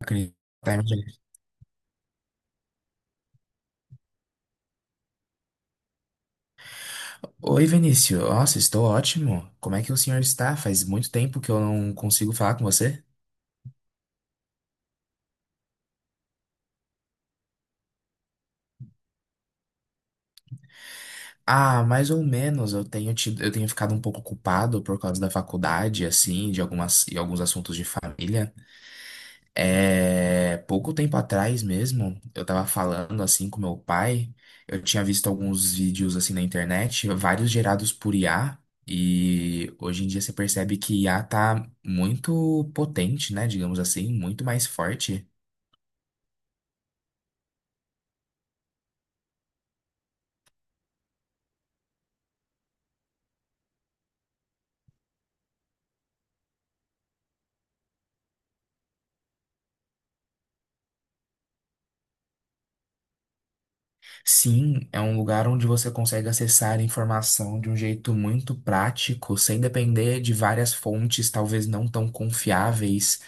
Acredito. Tá. Oi, Vinícius. Nossa, estou ótimo. Como é que o senhor está? Faz muito tempo que eu não consigo falar com você. Ah, mais ou menos. Eu tenho ficado um pouco ocupado por causa da faculdade, assim, de algumas e alguns assuntos de família. É, pouco tempo atrás mesmo, eu tava falando assim com meu pai, eu tinha visto alguns vídeos assim na internet, vários gerados por IA, e hoje em dia você percebe que IA tá muito potente, né, digamos assim, muito mais forte. Sim, é um lugar onde você consegue acessar informação de um jeito muito prático, sem depender de várias fontes, talvez não tão confiáveis.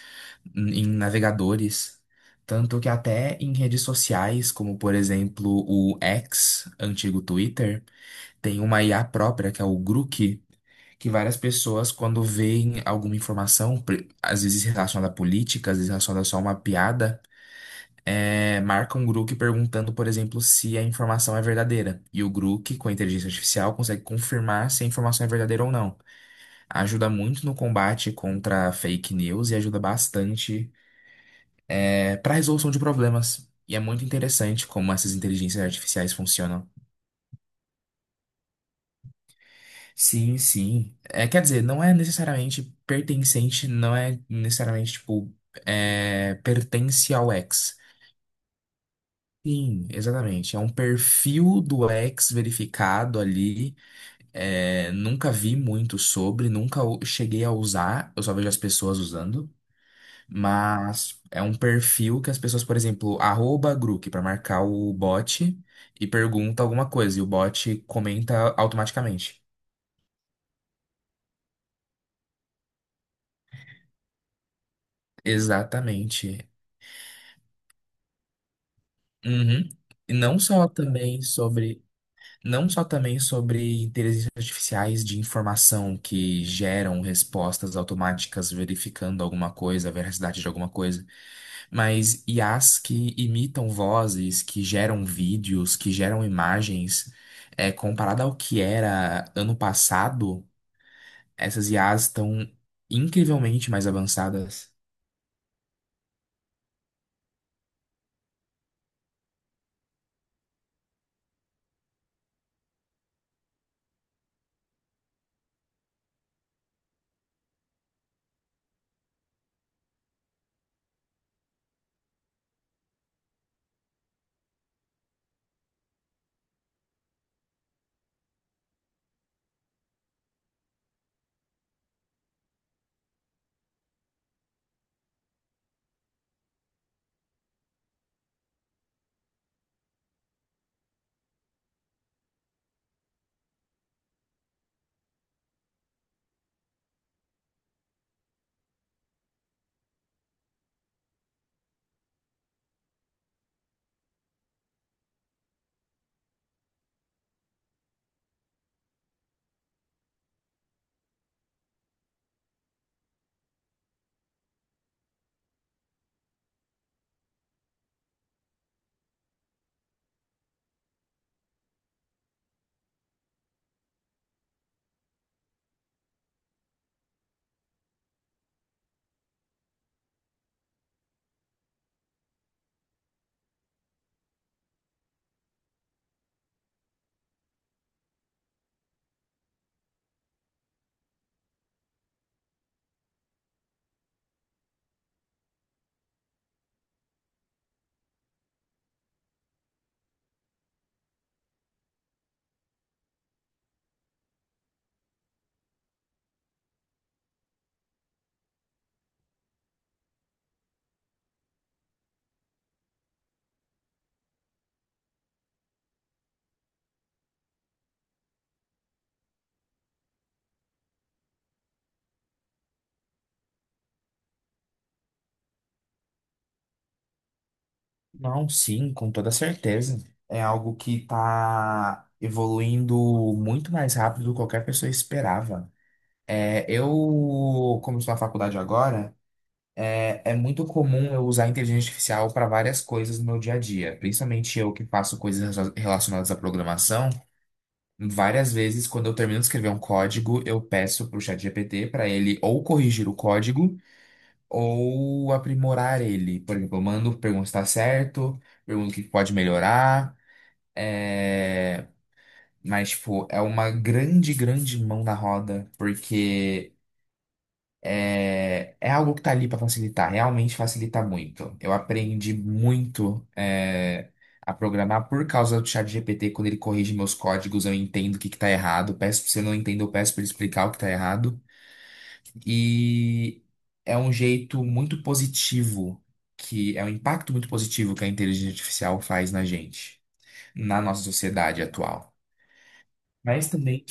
Em navegadores, tanto que até em redes sociais, como por exemplo o X, antigo Twitter, tem uma IA própria, que é o Grok, que várias pessoas, quando veem alguma informação, às vezes relacionada à política, às vezes relacionada só a uma piada, marcam o Grok perguntando, por exemplo, se a informação é verdadeira. E o Grok, com a inteligência artificial, consegue confirmar se a informação é verdadeira ou não. Ajuda muito no combate contra fake news e ajuda bastante para resolução de problemas. E é muito interessante como essas inteligências artificiais funcionam. Sim, sim. É, quer dizer, não é necessariamente pertencente, não é necessariamente, tipo, pertence ao X. Sim, exatamente. É um perfil do X verificado ali. É, nunca vi muito sobre, nunca o- cheguei a usar, eu só vejo as pessoas usando. Mas é um perfil que as pessoas, por exemplo, arroba Grok para marcar o bot e pergunta alguma coisa e o bot comenta automaticamente. Exatamente. Uhum. E não só também sobre Não só também sobre inteligências artificiais de informação que geram respostas automáticas verificando alguma coisa, a veracidade de alguma coisa, mas IAs que imitam vozes, que geram vídeos, que geram imagens. É, comparado ao que era ano passado, essas IAs estão incrivelmente mais avançadas. Não, sim, com toda certeza. É algo que está evoluindo muito mais rápido do que qualquer pessoa esperava. É, eu, comecei, estou na faculdade agora, é, é muito comum eu usar a inteligência artificial para várias coisas no meu dia a dia. Principalmente eu que faço coisas relacionadas à programação. Várias vezes, quando eu termino de escrever um código, eu peço para o GPT para ele ou corrigir o código ou aprimorar ele. Por exemplo, eu mando, pergunto se está certo, pergunto o que pode melhorar. é, Mas, tipo, é uma grande mão na roda, porque. É, é algo que tá ali para facilitar, realmente facilita muito. Eu aprendi muito a programar por causa do ChatGPT, quando ele corrige meus códigos, eu entendo o que que tá errado. Peço, se eu não entendo, eu peço para ele explicar o que tá errado. E é um jeito muito positivo, que é um impacto muito positivo que a inteligência artificial faz na gente, na nossa sociedade atual. Mas também.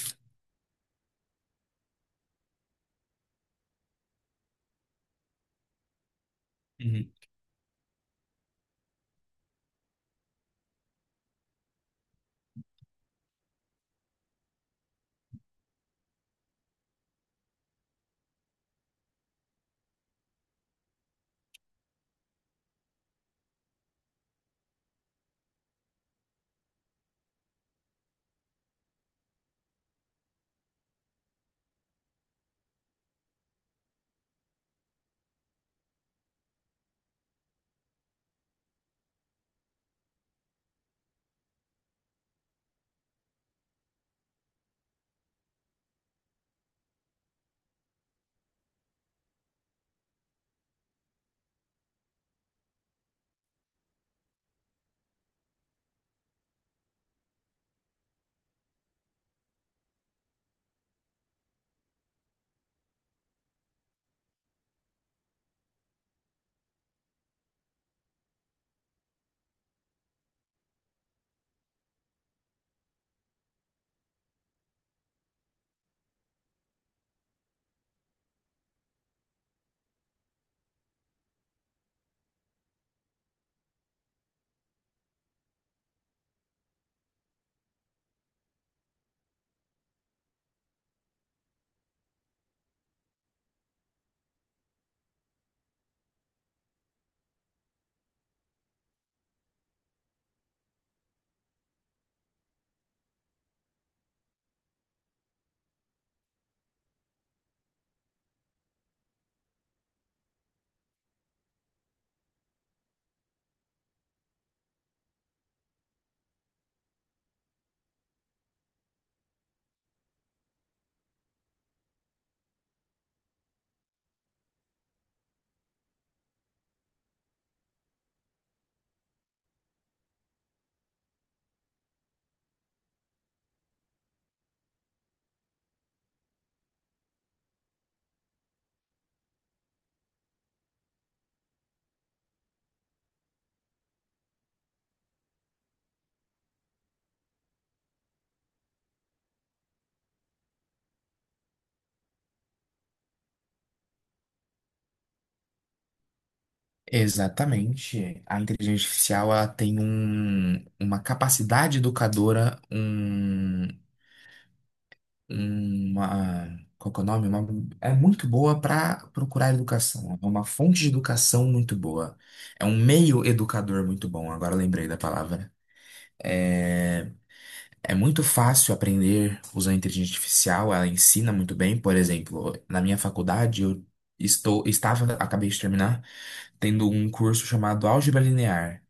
Exatamente. A inteligência artificial ela tem um- uma capacidade educadora, uma, qual que é o nome? É muito boa para procurar educação. É uma fonte de educação muito boa. É um meio educador muito bom. Agora eu lembrei da palavra. É, é muito fácil aprender usando a inteligência artificial, ela ensina muito bem. Por exemplo, na minha faculdade, eu acabei de terminar, tendo um curso chamado Álgebra Linear.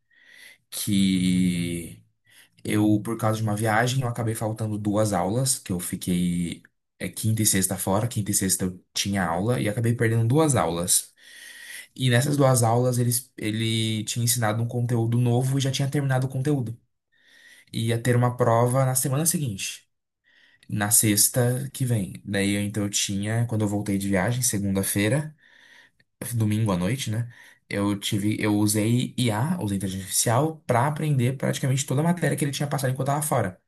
Que eu, por causa de uma viagem, eu acabei faltando duas aulas, que eu fiquei quinta e sexta fora, quinta e sexta eu tinha aula e acabei perdendo duas aulas. E nessas duas aulas ele tinha ensinado um conteúdo novo e já tinha terminado o conteúdo. E ia ter uma prova na semana seguinte, na sexta que vem. Então eu tinha, quando eu voltei de viagem, segunda-feira, domingo à noite, né? Eu usei IA, usei inteligência artificial, pra aprender praticamente toda a matéria que ele tinha passado enquanto eu estava fora.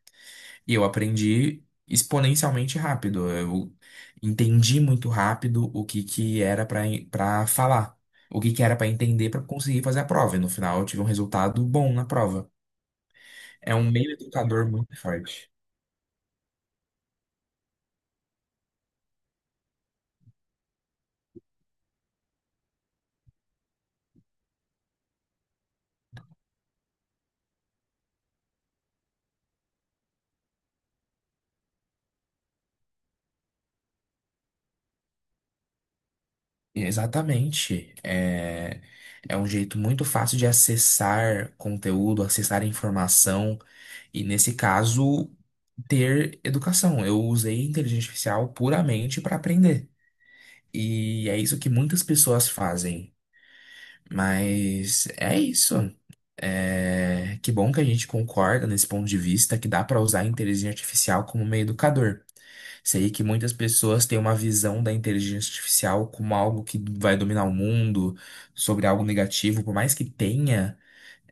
E eu aprendi exponencialmente rápido. Eu entendi muito rápido o que que era pra para falar, o que que era pra entender pra conseguir fazer a prova. E no final eu tive um resultado bom na prova. É um meio educador muito forte. Exatamente. É, é um jeito muito fácil de acessar conteúdo, acessar informação e, nesse caso, ter educação. Eu usei inteligência artificial puramente para aprender. E é isso que muitas pessoas fazem. Mas é isso. É, que bom que a gente concorda nesse ponto de vista que dá para usar a inteligência artificial como meio educador. Sei que muitas pessoas têm uma visão da inteligência artificial como algo que vai dominar o mundo, sobre algo negativo, por mais que tenha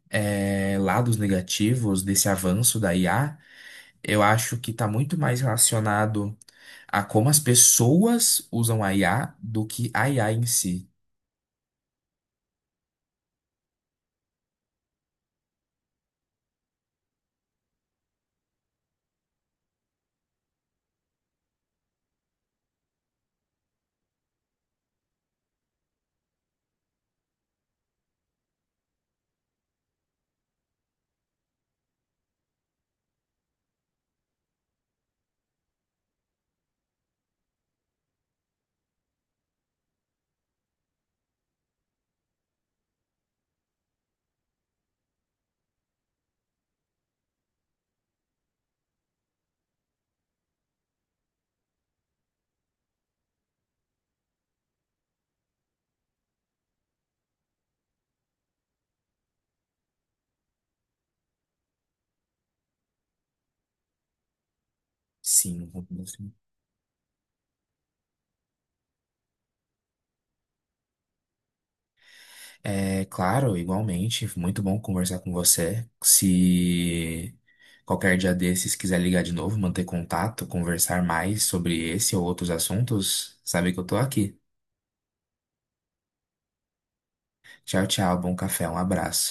lados negativos desse avanço da IA, eu acho que está muito mais relacionado a como as pessoas usam a IA do que a IA em si. Sim. É claro, igualmente, muito bom conversar com você. Se qualquer dia desses quiser ligar de novo, manter contato, conversar mais sobre esse ou outros assuntos, sabe que eu tô aqui. Tchau, tchau, bom café, um abraço.